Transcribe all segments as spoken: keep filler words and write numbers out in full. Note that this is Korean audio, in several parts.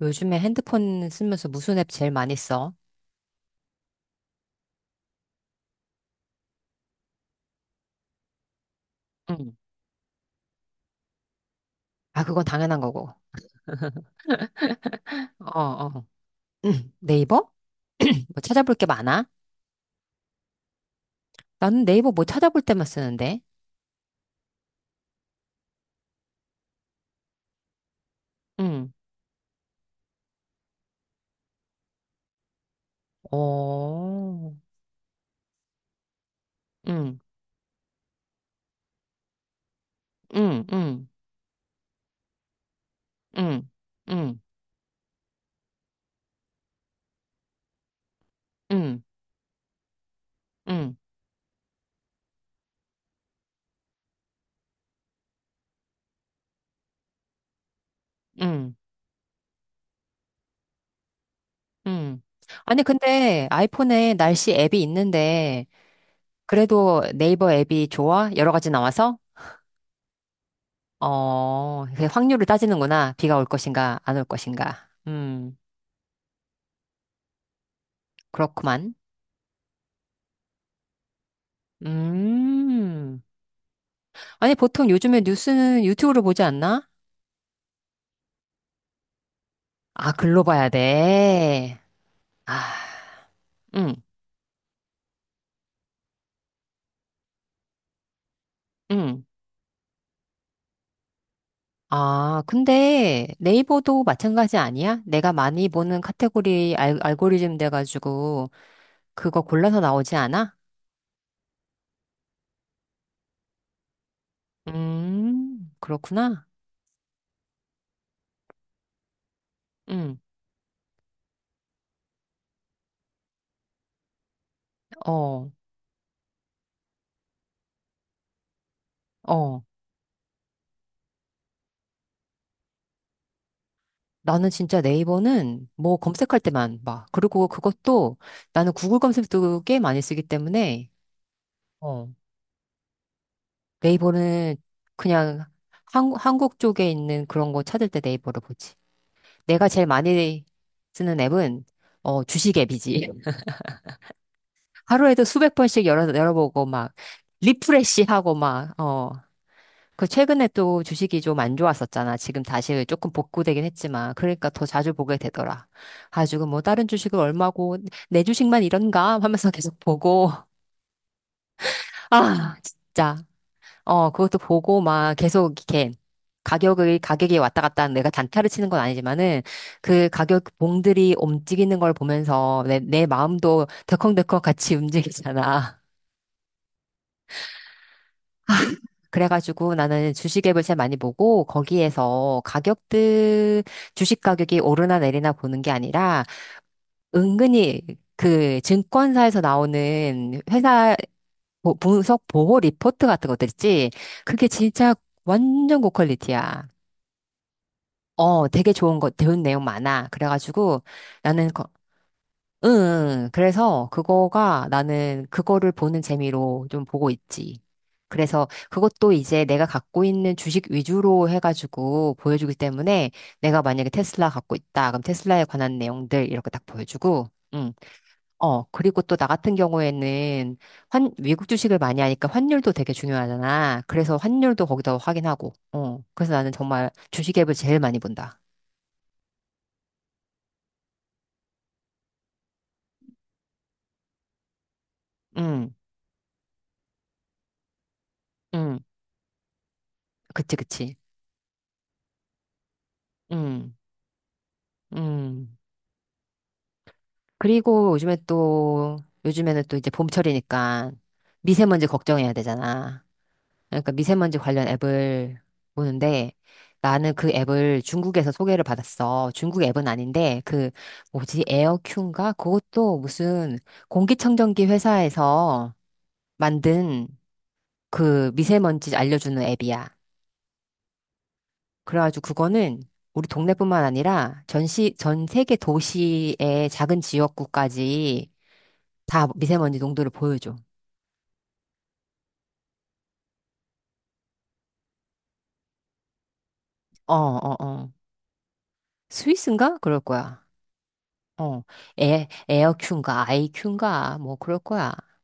요즘에 핸드폰 쓰면서 무슨 앱 제일 많이 써? 응. 아, 그건 당연한 거고. 어, 어. 응. 네이버? 뭐 찾아볼 게 많아? 나는 네이버 뭐 찾아볼 때만 쓰는데. 응. 어, 응. 응. 응. 응. 응. 응. 응. 응. 응. 아니, 근데 아이폰에 날씨 앱이 있는데, 그래도 네이버 앱이 좋아? 여러 가지 나와서? 어, 그 확률을 따지는구나. 비가 올 것인가, 안 올 것인가. 음, 그렇구만. 음. 아니, 보통 요즘에 뉴스는 유튜브로 보지 않나? 아, 글로 봐야 돼. 아, 응, 응. 아, 근데 네이버도 마찬가지 아니야? 내가 많이 보는 카테고리 알, 알고리즘 돼가지고 그거 골라서 나오지 않아? 음, 그렇구나. 응, 어, 어. 나는 진짜 네이버는 뭐 검색할 때만 봐. 그리고 그것도 나는 구글 검색도 꽤 많이 쓰기 때문에, 어. 네이버는 그냥 한, 한국 쪽에 있는 그런 거 찾을 때 네이버를 보지. 내가 제일 많이 쓰는 앱은 어, 주식 앱이지. 하루에도 수백 번씩 열어, 열어보고 막 리프레시하고 막 어. 그 최근에 또 주식이 좀 안 좋았었잖아. 지금 다시 조금 복구되긴 했지만 그러니까 더 자주 보게 되더라. 가지고 뭐 다른 주식은 얼마고 내 주식만 이런가 하면서 계속 보고 아 진짜. 어, 그것도 보고 막 계속 이렇게 가격을, 가격이 왔다 갔다 하는 내가 단타를 치는 건 아니지만은 그 가격 봉들이 움직이는 걸 보면서 내, 내 마음도 덜컹덜컹 같이 움직이잖아. 그래가지고 나는 주식 앱을 제일 많이 보고 거기에서 가격들, 주식 가격이 오르나 내리나 보는 게 아니라 은근히 그 증권사에서 나오는 회사 보- 분석 보호 리포트 같은 것들 있지? 그게 진짜 완전 고퀄리티야. 어, 되게 좋은 거, 배운 내용 많아. 그래가지고 나는, 거, 응, 응. 그래서 그거가 나는 그거를 보는 재미로 좀 보고 있지. 그래서 그것도 이제 내가 갖고 있는 주식 위주로 해가지고 보여주기 때문에 내가 만약에 테슬라 갖고 있다. 그럼 테슬라에 관한 내용들 이렇게 딱 보여주고, 응. 어, 그리고 또 나 같은 경우에는 환, 외국 주식을 많이 하니까 환율도 되게 중요하잖아. 그래서 환율도 거기다 확인하고, 어. 그래서 나는 정말 주식 앱을 제일 많이 본다. 응. 응, 그치, 그치. 응, 응. 그리고 요즘에 또, 요즘에는 또 이제 봄철이니까 미세먼지 걱정해야 되잖아. 그러니까 미세먼지 관련 앱을 보는데 나는 그 앱을 중국에서 소개를 받았어. 중국 앱은 아닌데 그 뭐지 에어큐인가? 그것도 무슨 공기청정기 회사에서 만든 그 미세먼지 알려주는 앱이야. 그래가지고 그거는 우리 동네뿐만 아니라 전시, 전 세계 도시의 작은 지역구까지 다 미세먼지 농도를 보여줘. 어, 어, 어. 스위스인가? 그럴 거야. 어. 에, 에어큐인가, 아이큐인가, 뭐 그럴 거야.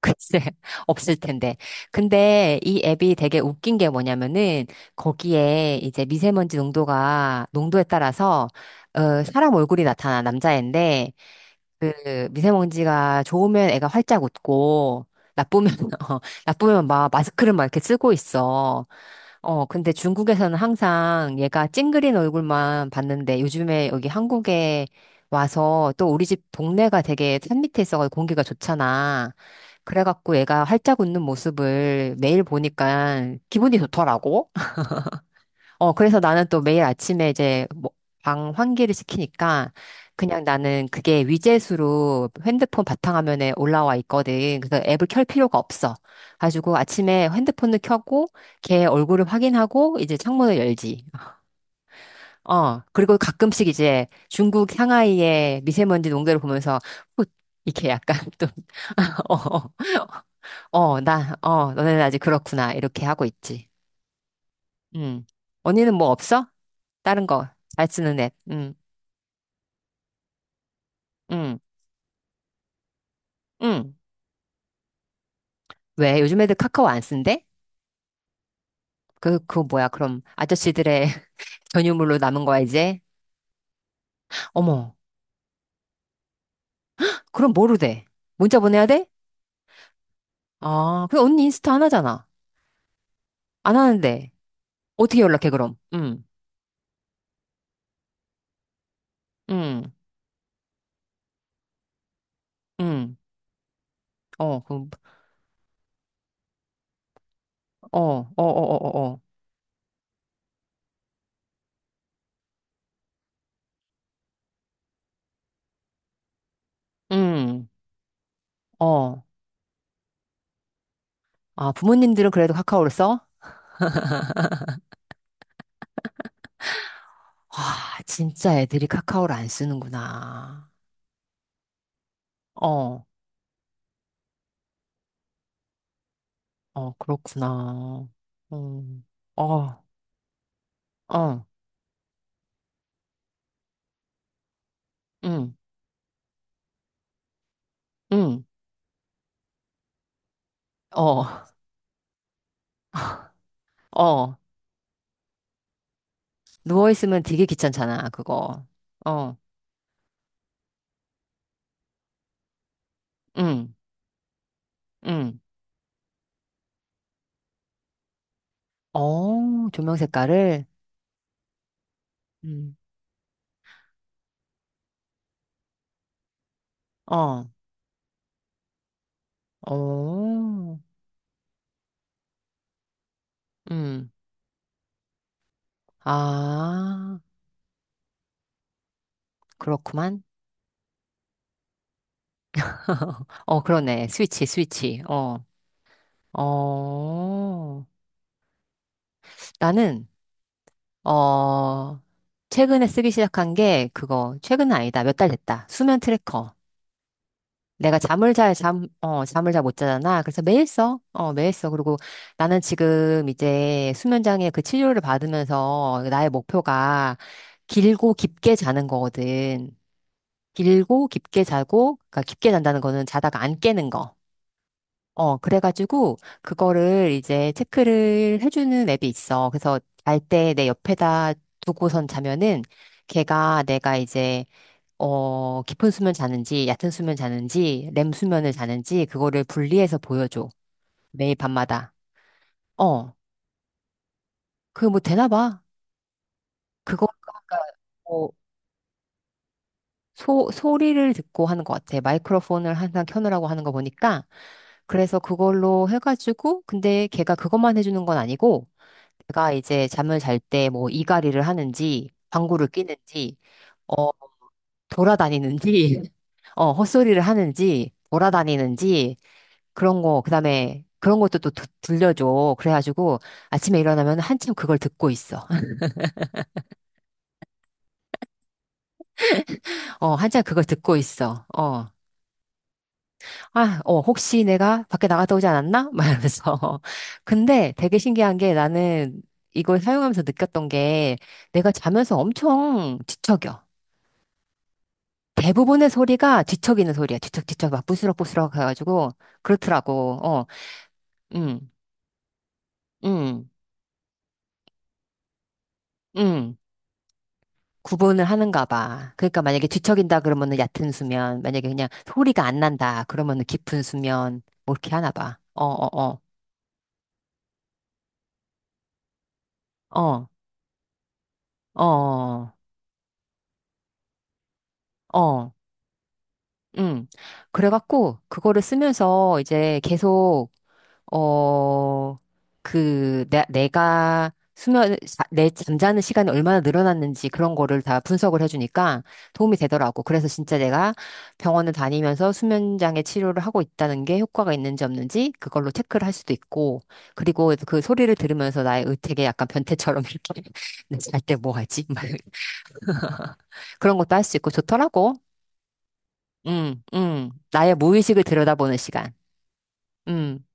글쎄, 없을 텐데. 근데 이 앱이 되게 웃긴 게 뭐냐면은 거기에 이제 미세먼지 농도가, 농도에 따라서 어, 사람 얼굴이 나타나, 남자애인데 그 미세먼지가 좋으면 애가 활짝 웃고 나쁘면 어, 나쁘면 막 마스크를 막 이렇게 쓰고 있어. 어, 근데 중국에서는 항상 얘가 찡그린 얼굴만 봤는데 요즘에 여기 한국에 와서 또 우리 집 동네가 되게 산 밑에 있어가지고 공기가 좋잖아. 그래갖고 얘가 활짝 웃는 모습을 매일 보니까 기분이 좋더라고. 어, 그래서 나는 또 매일 아침에 이제 뭐- 방 환기를 시키니까 그냥 나는 그게 위젯으로 핸드폰 바탕화면에 올라와 있거든. 그래서 앱을 켤 필요가 없어. 가지고 아침에 핸드폰을 켜고 걔 얼굴을 확인하고 이제 창문을 열지. 어, 그리고 가끔씩 이제 중국 상하이의 미세먼지 농도를 보면서 훗 이렇게 약간 좀, 어, 어, 어, 나, 어, 너네는 아직 그렇구나. 이렇게 하고 있지. 응. 언니는 뭐 없어? 다른 거, 잘 쓰는 앱. 응, 응, 응. 왜? 요즘 애들 카카오 안 쓴대? 그, 그거 뭐야? 그럼 아저씨들의 전유물로 남은 거야, 이제? 어머, 그럼 뭐로 돼? 문자 보내야 돼? 아, 그 언니 인스타 안 하잖아. 안 하는데. 어떻게 연락해, 그럼? 응, 응, 응. 어, 그럼, 어, 어, 어, 어, 어, 어. 응, 어. 아, 부모님들은 그래도 카카오를 써? 와, 진짜 애들이 카카오를 안 쓰는구나. 어. 어, 그렇구나. 음, 어, 어, 응, 응, 어, 어. 누워있으면 되게 귀찮잖아, 그거. 어, 응, 응. 어, 조명 색깔을? 음. 어, 어, 음. 아, 그렇구만. 어, 그러네. 스위치, 스위치. 어, 어. 나는, 어, 최근에 쓰기 시작한 게 그거, 최근 아니다. 몇 달 됐다. 수면 트래커. 내가 잠을 잘 잠, 어, 잠을 잘 못 자잖아. 그래서 매일 써. 어, 매일 써. 그리고 나는 지금 이제 수면장애 그 치료를 받으면서 나의 목표가 길고 깊게 자는 거거든. 길고 깊게 자고, 그러니까 깊게 잔다는 거는 자다가 안 깨는 거. 어, 그래가지고 그거를 이제 체크를 해주는 앱이 있어. 그래서 잘 때 내 옆에다 두고선 자면은 걔가 내가 이제 어, 깊은 수면 자는지, 얕은 수면 자는지, 렘 수면을 자는지, 그거를 분리해서 보여줘. 매일 밤마다. 어, 그게 뭐 되나 봐. 그거, 그러니까, 뭐, 소, 소리를 듣고 하는 것 같아. 마이크로폰을 항상 켜놓으라고 하는 거 보니까. 그래서 그걸로 해가지고, 근데 걔가 그것만 해주는 건 아니고, 걔가 이제 잠을 잘 때 뭐 이갈이를 하는지, 방구를 끼는지, 어, 돌아다니는지, 어, 헛소리를 하는지, 돌아다니는지, 그런 거, 그다음에 그런 것도 또 드- 들려줘. 그래가지고 아침에 일어나면 한참 그걸 듣고 있어. 어, 한참 그걸 듣고 있어. 어, 아, 어, 혹시 내가 밖에 나갔다 오지 않았나? 막 이러면서. 근데 되게 신기한 게 나는 이걸 사용하면서 느꼈던 게 내가 자면서 엄청 뒤척여. 대부분의 소리가 뒤척이는 소리야. 뒤척뒤척 막 부스럭부스럭 해가지고 그렇더라고. 어, 음, 음, 음. 구분을 하는가 봐. 그러니까 만약에 뒤척인다 그러면은 얕은 수면, 만약에 그냥 소리가 안 난다 그러면은 깊은 수면, 뭐 이렇게 하나 봐. 어, 어, 어, 어, 어, 어, 어, 응. 그래갖고 그거를 쓰면서 이제 계속 어, 그, 내, 내가 수면, 자- 내 잠자는 시간이 얼마나 늘어났는지 그런 거를 다 분석을 해주니까 도움이 되더라고. 그래서 진짜 내가 병원을 다니면서 수면장애 치료를 하고 있다는 게 효과가 있는지 없는지 그걸로 체크를 할 수도 있고, 그리고 그 소리를 들으면서 나의 의택에 약간 변태처럼 이렇게 잘때 뭐 하지? 막 그런 것도 할 수 있고 좋더라고. 음, 음. 나의 무의식을 들여다보는 시간. 응.